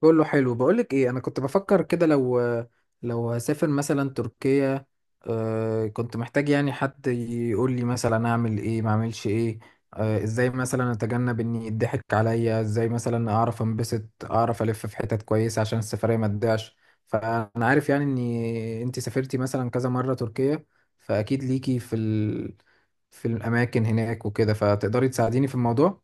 كله حلو، بقولك ايه، انا كنت بفكر كده لو هسافر مثلا تركيا. آه، كنت محتاج يعني حد يقول لي مثلا اعمل ايه ما اعملش ايه. آه، ازاي مثلا اتجنب اني يضحك عليا، ازاي مثلا اعرف انبسط، اعرف الف في حتت كويسة عشان السفرية ما تضيعش. فانا عارف يعني اني انت سافرتي مثلا كذا مرة تركيا، فاكيد ليكي في الاماكن هناك وكده، فتقدري تساعديني في الموضوع.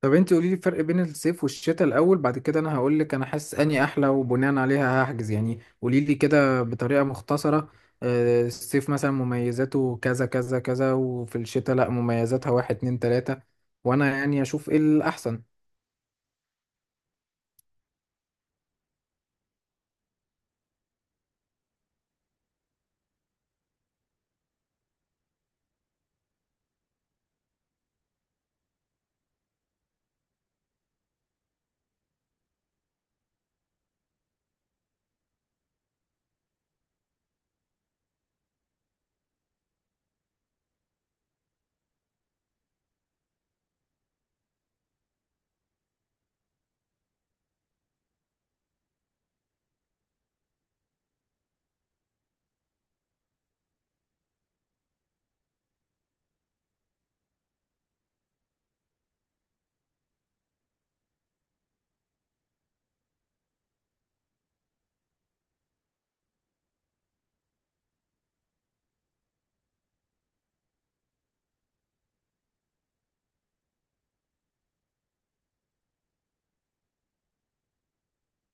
طب انت قولي لي الفرق بين الصيف والشتاء الاول، بعد كده انا هقول لك انا حاسس اني احلى وبناء عليها هحجز. يعني قولي لي كده بطريقه مختصره، آه، الصيف مثلا مميزاته كذا كذا كذا، وفي الشتاء لا مميزاتها واحد اتنين تلاته، وانا يعني اشوف ايه الاحسن.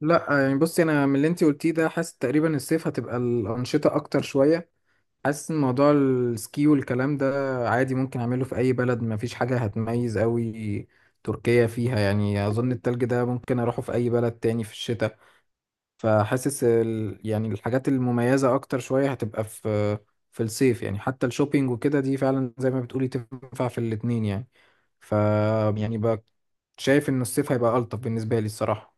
لا يعني بصي، انا من اللي انت قلتيه ده حاسس تقريبا الصيف هتبقى الانشطه اكتر شويه. حاسس ان موضوع السكي والكلام ده عادي ممكن اعمله في اي بلد، ما فيش حاجة هتميز قوي تركيا فيها. يعني اظن التلج ده ممكن اروحه في اي بلد تاني في الشتاء. فحاسس يعني الحاجات المميزة اكتر شوية هتبقى في الصيف، يعني حتى الشوبينج وكده دي فعلا زي ما بتقولي تنفع في الاتنين يعني. ف يعني بقى شايف ان الصيف هيبقى الطف بالنسبة لي الصراحة.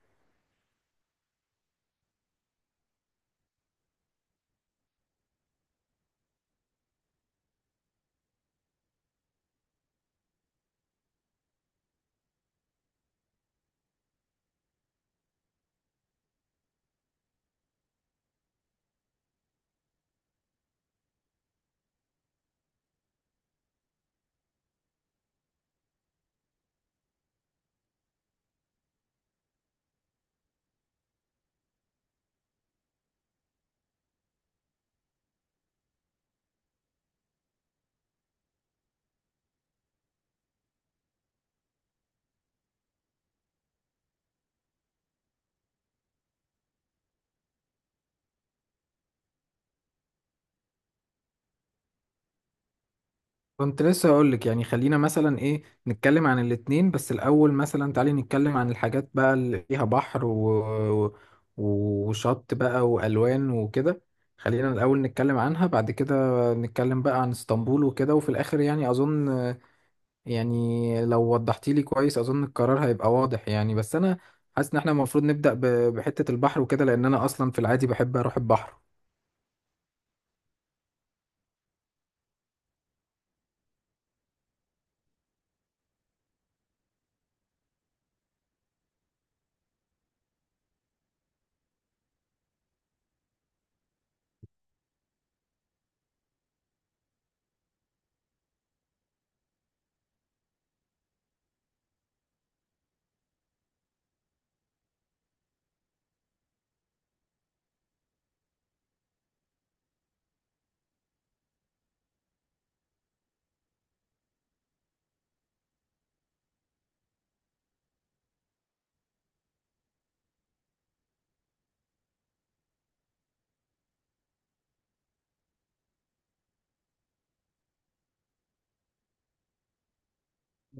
كنت لسه هقول لك، يعني خلينا مثلا ايه، نتكلم عن الاتنين، بس الاول مثلا تعالي نتكلم عن الحاجات بقى اللي فيها بحر وشط بقى والوان وكده. خلينا الاول نتكلم عنها، بعد كده نتكلم بقى عن اسطنبول وكده، وفي الاخر يعني اظن، يعني لو وضحتي لي كويس اظن القرار هيبقى واضح يعني. بس انا حاسس ان احنا المفروض نبدأ بحتة البحر وكده، لان انا اصلا في العادي بحب اروح البحر.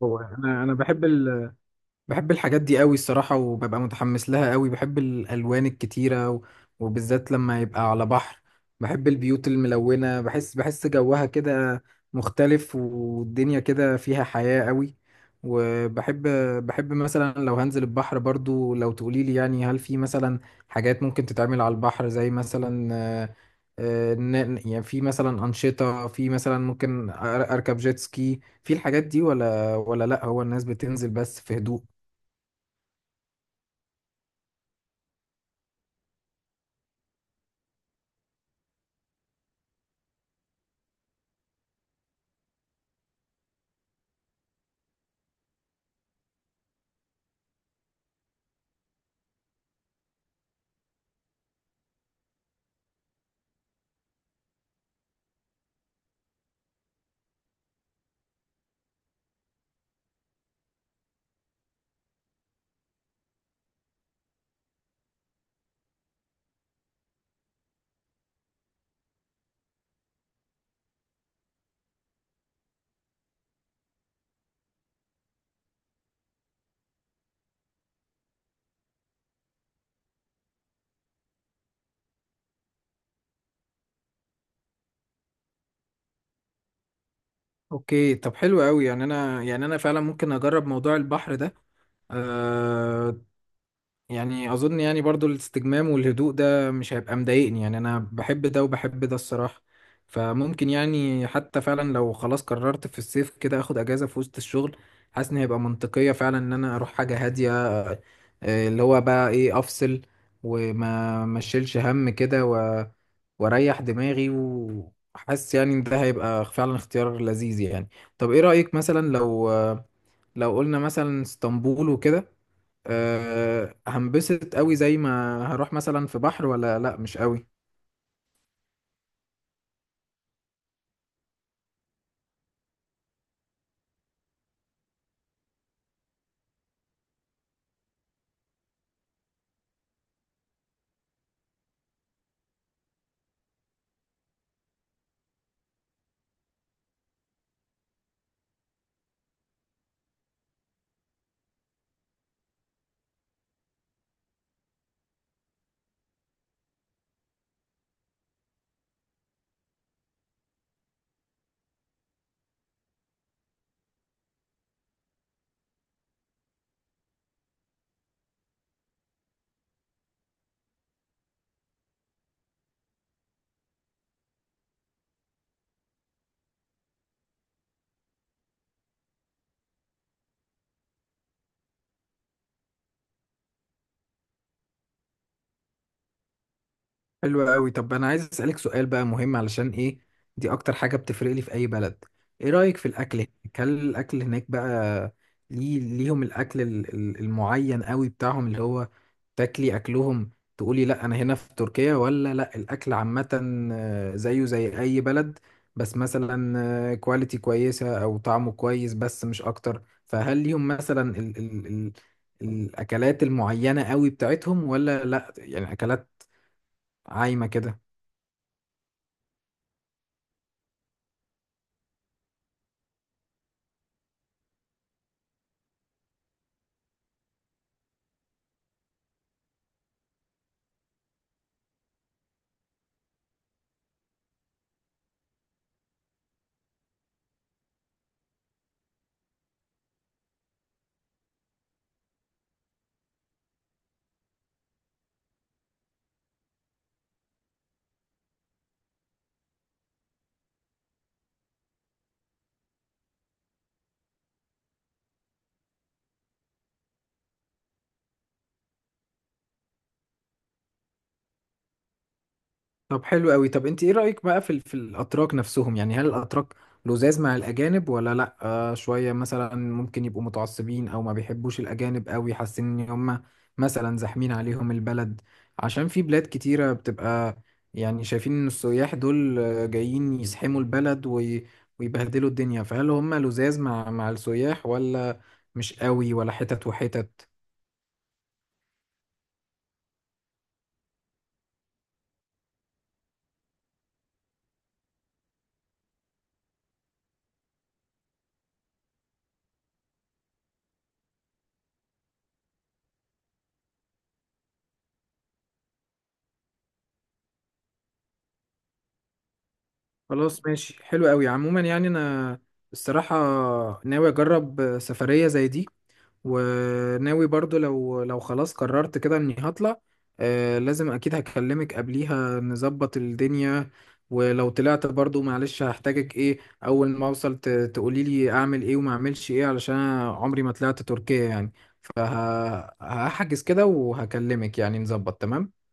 هو انا بحب بحب الحاجات دي قوي الصراحة، وببقى متحمس لها قوي. بحب الألوان الكتيرة وبالذات لما يبقى على بحر. بحب البيوت الملونة، بحس جوها كده مختلف، والدنيا كده فيها حياة قوي. وبحب بحب مثلا لو هنزل البحر، برضو لو تقوليلي يعني هل في مثلا حاجات ممكن تتعمل على البحر، زي مثلا يعني في مثلا أنشطة، في مثلا ممكن أركب جيت سكي في الحاجات دي، ولا لأ هو الناس بتنزل بس في هدوء؟ اوكي، طب حلو قوي. يعني انا فعلا ممكن اجرب موضوع البحر ده. أه، يعني اظن يعني برضو الاستجمام والهدوء ده مش هيبقى مضايقني، يعني انا بحب ده وبحب ده الصراحة. فممكن يعني حتى فعلا لو خلاص قررت في الصيف كده اخد اجازة في وسط الشغل، حاسس ان هيبقى منطقية فعلا ان انا اروح حاجة هادية. آه، اللي هو بقى ايه، افصل وما ما اشيلش هم كده، واريح دماغي. وحاسس يعني ان ده هيبقى فعلا اختيار لذيذ يعني. طب ايه رأيك مثلا لو قلنا مثلا اسطنبول وكده، أه هنبسط قوي زي ما هروح مثلا في بحر، ولا لا مش قوي؟ حلو قوي. طب انا عايز اسالك سؤال بقى مهم، علشان ايه، دي اكتر حاجه بتفرق لي في اي بلد. ايه رايك في الاكل هناك؟ هل الاكل هناك بقى ليه ليهم الاكل المعين قوي بتاعهم، اللي هو تاكلي اكلهم تقولي لا انا هنا في تركيا، ولا لا الاكل عامه آه، زيه زي اي بلد، بس مثلا كواليتي كويسه او طعمه كويس بس مش اكتر؟ فهل ليهم مثلا ال ال ال الاكلات المعينه قوي بتاعتهم، ولا لا يعني اكلات عايمه كده؟ طب حلو قوي. طب انت ايه رأيك بقى في الاتراك نفسهم؟ يعني هل الاتراك لزاز مع الاجانب، ولا لا آه شوية مثلا ممكن يبقوا متعصبين او ما بيحبوش الاجانب قوي، حاسين ان هم مثلا زاحمين عليهم البلد؟ عشان في بلاد كتيرة بتبقى يعني شايفين ان السياح دول آه، جايين يزحموا البلد ويبهدلوا الدنيا. فهل هم لزاز مع السياح، ولا مش قوي، ولا حتت وحتت؟ خلاص ماشي، حلو قوي. عموما يعني انا الصراحة ناوي اجرب سفرية زي دي، وناوي برضو لو خلاص قررت كده اني هطلع، آه لازم اكيد هكلمك قبليها نظبط الدنيا. ولو طلعت برضو معلش هحتاجك، ايه اول ما اوصل تقولي لي اعمل ايه وما اعملش ايه، علشان أنا عمري ما طلعت تركيا يعني. فهحجز كده وهكلمك يعني نظبط تمام.